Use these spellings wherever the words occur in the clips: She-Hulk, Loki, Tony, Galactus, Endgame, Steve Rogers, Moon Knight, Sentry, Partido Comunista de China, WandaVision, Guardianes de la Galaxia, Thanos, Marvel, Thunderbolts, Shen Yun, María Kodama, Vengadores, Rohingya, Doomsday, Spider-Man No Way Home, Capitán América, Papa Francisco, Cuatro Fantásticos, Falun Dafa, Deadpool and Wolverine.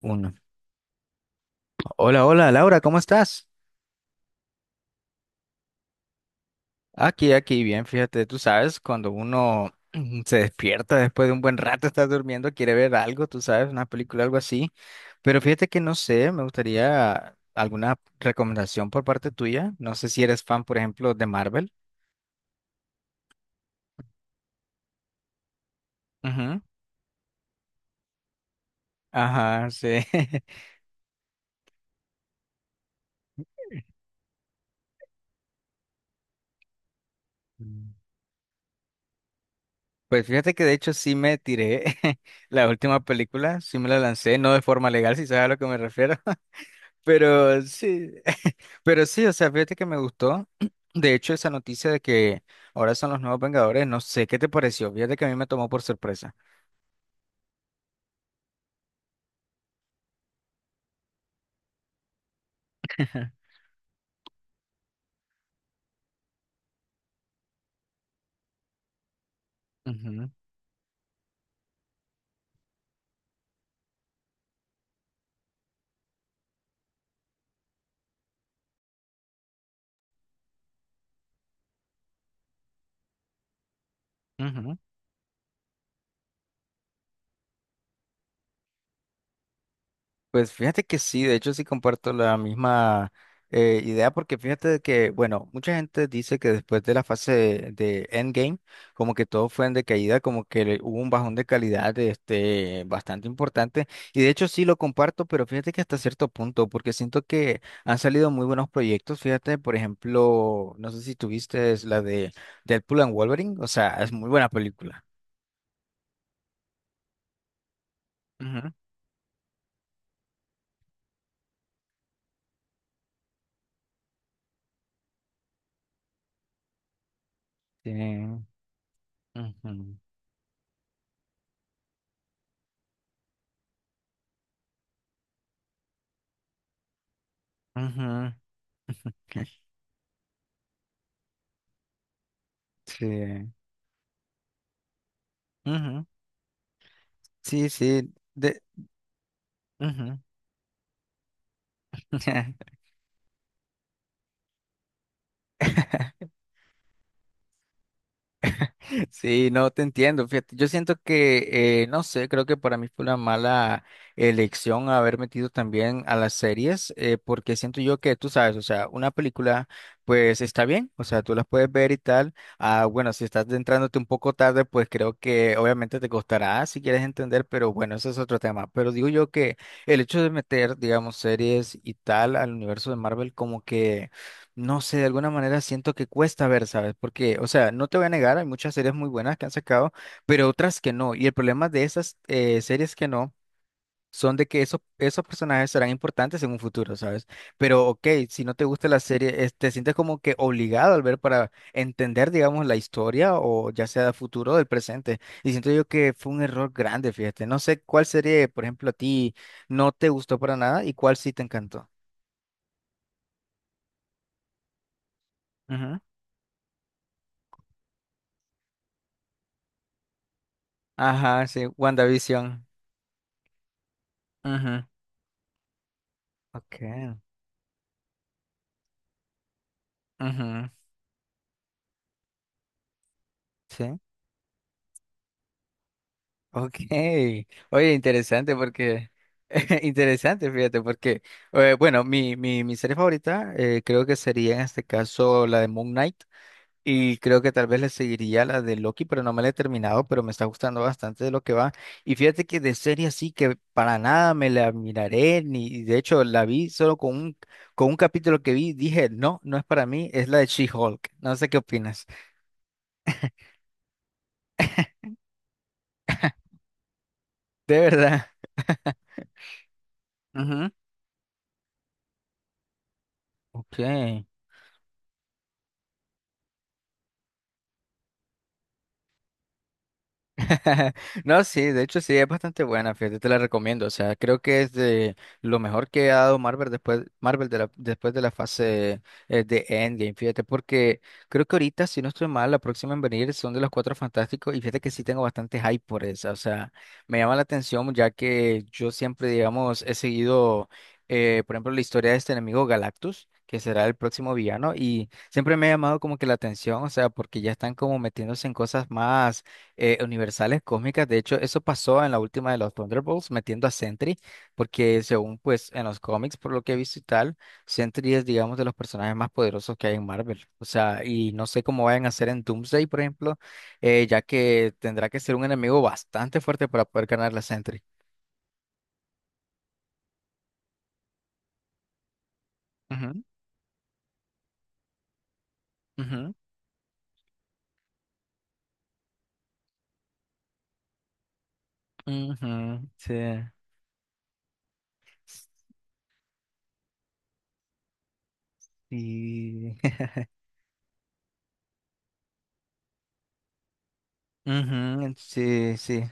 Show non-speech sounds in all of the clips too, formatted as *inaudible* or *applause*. Uno. Hola, hola, Laura, ¿cómo estás? Aquí, bien, fíjate, tú sabes, cuando uno *clears throat* se despierta después de un buen rato, estás durmiendo, quiere ver algo, tú sabes, una película, algo así, pero fíjate que no sé, me gustaría alguna recomendación por parte tuya, no sé si eres fan, por ejemplo, de Marvel. Ujú. Ajá, sí. *laughs* Mm. Pues fíjate que de hecho sí me tiré *laughs* la última película, sí me la lancé, no de forma legal, si sabes a lo que me refiero. Pero sí, *laughs* pero sí, o sea, fíjate que me gustó. *clears throat* De hecho, esa noticia de que ahora son los nuevos Vengadores, no sé qué te pareció. Fíjate que a mí me tomó por sorpresa. *laughs* Ujú, ujú. Pues fíjate que sí, de hecho sí comparto la misma idea, porque fíjate de que, bueno, mucha gente dice que después de la fase de Endgame, como que todo fue en decaída, como que hubo un bajón de calidad, este, bastante importante y de hecho sí lo comparto, pero fíjate que hasta cierto punto, porque siento que han salido muy buenos proyectos. Fíjate, por ejemplo, no sé si tuviste es la de Deadpool and Wolverine. O sea, es muy buena película. Ujú. Sí. Ujú. Ujú. *laughs* Sí. Ujú. Sí, sí, de... ujú. *laughs* Sí, no te entiendo. Fíjate, yo siento que, no sé, creo que para mí fue una mala elección haber metido también a las series, porque siento yo que, tú sabes, o sea, una película, pues está bien, o sea, tú las puedes ver y tal. Ah, bueno, si estás entrándote un poco tarde, pues creo que obviamente te costará si quieres entender, pero bueno, ese es otro tema. Pero digo yo que el hecho de meter, digamos, series y tal al universo de Marvel, como que... No sé, de alguna manera siento que cuesta ver, ¿sabes? Porque, o sea, no te voy a negar, hay muchas series muy buenas que han sacado, pero otras que no. Y el problema de esas series que no, son de que esos personajes serán importantes en un futuro, ¿sabes? Pero, ok, si no te gusta la serie, te sientes como que obligado al ver para entender, digamos, la historia o ya sea del futuro o del presente. Y siento yo que fue un error grande, fíjate. No sé cuál serie, por ejemplo, a ti no te gustó para nada y cuál sí te encantó. Ujú. Ajá, sí, WandaVision. Ujú, okay. Ujú. Sí. Ok. Oye, interesante porque... *laughs* Interesante, fíjate, porque... bueno, mi serie favorita, creo que sería en este caso la de Moon Knight. Y creo que tal vez le seguiría la de Loki, pero no me la he terminado, pero me está gustando bastante de lo que va. Y fíjate que de serie así que para nada me la miraré, ni, y de hecho la vi solo con un, capítulo que vi, dije, no, no es para mí, es la de She-Hulk. No sé qué opinas. De verdad. Ujú. Ok. *laughs* No, sí, de hecho sí, es bastante buena, fíjate, te la recomiendo. O sea, creo que es de lo mejor que ha dado Marvel después, Marvel después de la fase, de Endgame, fíjate, porque creo que ahorita, si no estoy mal, la próxima en venir son de los Cuatro Fantásticos, y fíjate que sí tengo bastante hype por esa. O sea, me llama la atención, ya que yo siempre, digamos, he seguido, por ejemplo, la historia de este enemigo Galactus, que será el próximo villano, y siempre me ha llamado como que la atención. O sea, porque ya están como metiéndose en cosas más, universales, cósmicas. De hecho, eso pasó en la última de los Thunderbolts, metiendo a Sentry, porque, según pues en los cómics, por lo que he visto y tal, Sentry es, digamos, de los personajes más poderosos que hay en Marvel. O sea, y no sé cómo vayan a hacer en Doomsday, por ejemplo, ya que tendrá que ser un enemigo bastante fuerte para poder ganar la Sentry. Ujú, ujú, ujú, sí. Sí. *laughs* Ujú, sí, sí.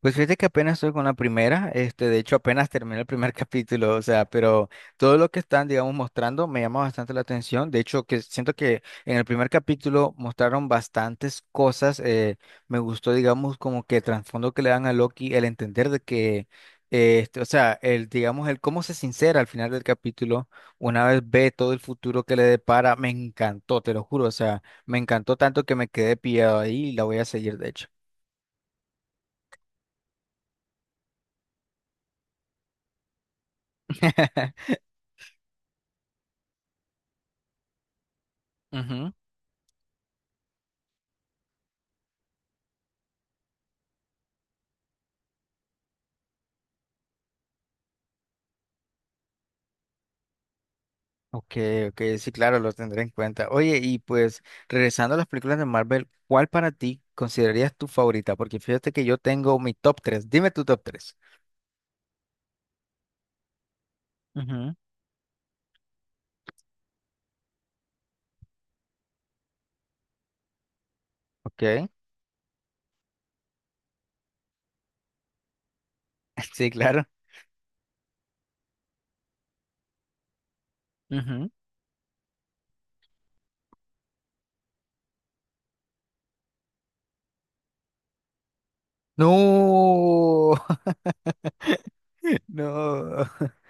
Pues fíjate que apenas estoy con la primera, este, de hecho apenas terminé el primer *laughs* capítulo, o sea, pero todo lo que están, digamos, mostrando me llama bastante la atención. De hecho, que siento que en el primer capítulo mostraron bastantes cosas. Me gustó, digamos, como que el trasfondo que le dan a Loki, el entender de que, este, o sea, el, digamos, el cómo se sincera al final del capítulo, una vez ve todo el futuro que le depara, me encantó, te lo juro, o sea, me encantó tanto que me quedé pillado ahí y la voy a seguir, de hecho. *laughs* Ujú. Ok, ok, sí, claro, lo tendré en cuenta. Oye, y pues, regresando a las películas de Marvel, ¿cuál para ti considerarías tu favorita? Porque fíjate que yo tengo mi top tres. Dime tu top tres. Ujú. Ok, *laughs* sí, claro. Ujú. No, *laughs* no. *laughs*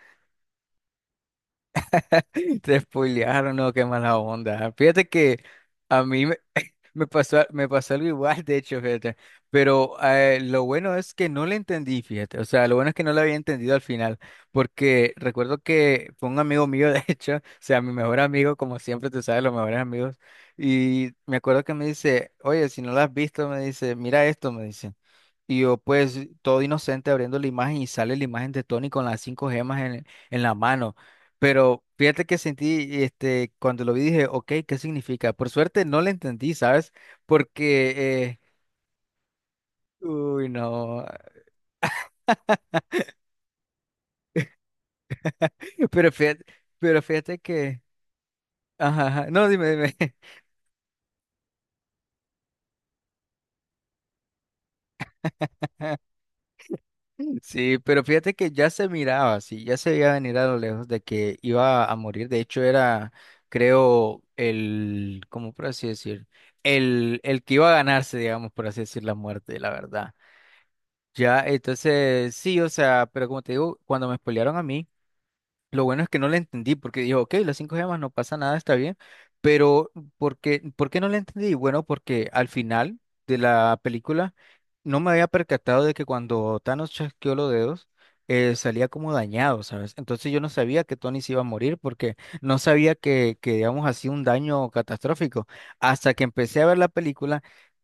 *laughs* Te spoilearon, no, qué mala onda. Fíjate que a mí me, *laughs* me pasó algo igual, de hecho, fíjate. Pero, lo bueno es que no le entendí, fíjate. O sea, lo bueno es que no lo había entendido al final. Porque recuerdo que fue un amigo mío, *laughs* de hecho, o sea, mi mejor amigo, como siempre, tú sabes, los mejores amigos. Y me acuerdo que me dice, oye, si no lo has visto, me dice, mira esto, me dice. Y yo, pues, todo inocente abriendo la imagen, y sale la imagen de Tony con las cinco gemas en, la mano. Pero fíjate que sentí, este, cuando lo vi dije, ok, ¿qué significa? Por suerte no lo entendí, ¿sabes? Porque, uy, no. *laughs* Pero fíjate, pero fíjate que, ajá, ajá, no, dime, dime. *laughs* Sí, pero fíjate que ya se miraba, sí, ya se veía venir a lo lejos de que iba a morir. De hecho, era, creo, el, ¿cómo por así decir? El que iba a ganarse, digamos, por así decir, la muerte, la verdad. Ya, entonces, sí, o sea, pero como te digo, cuando me spoilearon a mí, lo bueno es que no la entendí porque digo, ok, las cinco gemas no pasa nada, está bien, pero ¿por qué no la entendí? Bueno, porque al final de la película no me había percatado de que cuando Thanos chasqueó los dedos, salía como dañado, ¿sabes? Entonces yo no sabía que Tony se iba a morir porque no sabía que digamos así, un daño catastrófico. Hasta que empecé a ver la película.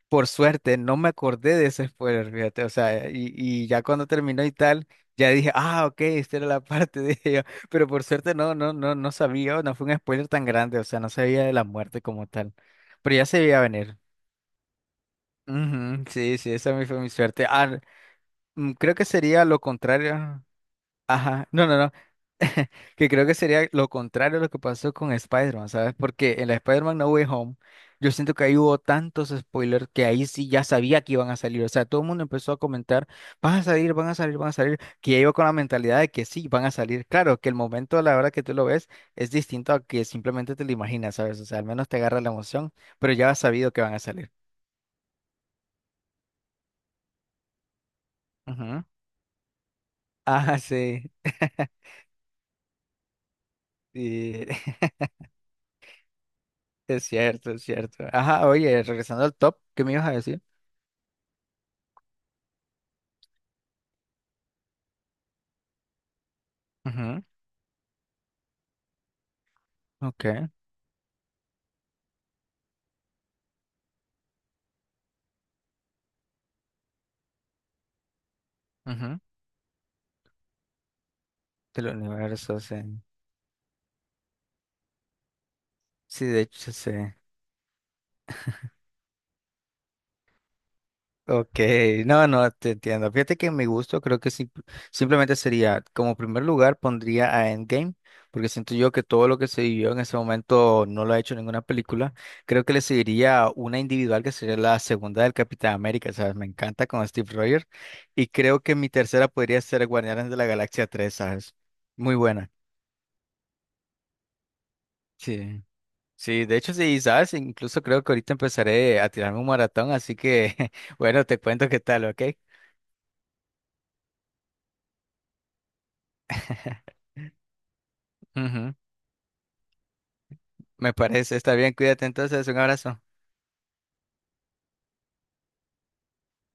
Por suerte, no me acordé de ese spoiler, fíjate, o sea, y ya cuando terminó y tal, ya dije, ah, ok, esta era la parte, *laughs* dije yo, pero por suerte no, no, no, no sabía, no fue un spoiler tan grande, o sea, no sabía de la muerte como tal, pero ya se veía venir. Ujú, sí, sí, esa fue mi suerte. Ah, creo que sería lo contrario. Ajá, no, no, no. *laughs* Que creo que sería lo contrario a lo que pasó con Spider-Man, ¿sabes? Porque en la Spider-Man No Way Home, yo siento que ahí hubo tantos spoilers que ahí sí ya sabía que iban a salir. O sea, todo el mundo empezó a comentar, van a salir, van a salir, van a salir, que ya iba con la mentalidad de que sí, van a salir. Claro, que el momento, a la hora que tú lo ves, es distinto a que simplemente te lo imaginas, ¿sabes? O sea, al menos te agarra la emoción, pero ya has sabido que van a salir. Ujú. Ah, sí. *laughs* Sí, *laughs* es cierto, es cierto. Ajá, oye, regresando al top, ¿qué me ibas a decir? Ok. Ujú. Del universo, sí. Sí, de hecho, sí. Ok, no, no, te entiendo. Fíjate que mi gusto creo que simplemente sería, como primer lugar, pondría a Endgame, porque siento yo que todo lo que se vivió en ese momento no lo ha hecho ninguna película. Creo que le seguiría una individual, que sería la segunda del Capitán América, ¿sabes? Me encanta con Steve Rogers. Y creo que mi tercera podría ser Guardianes de la Galaxia 3, ¿sabes? Muy buena. Sí. Sí, de hecho sí, sabes, incluso creo que ahorita empezaré a tirarme un maratón, así que *laughs* bueno, te cuento qué tal, ¿ok? *laughs* Ujú. Me parece, está bien, cuídate entonces, un abrazo.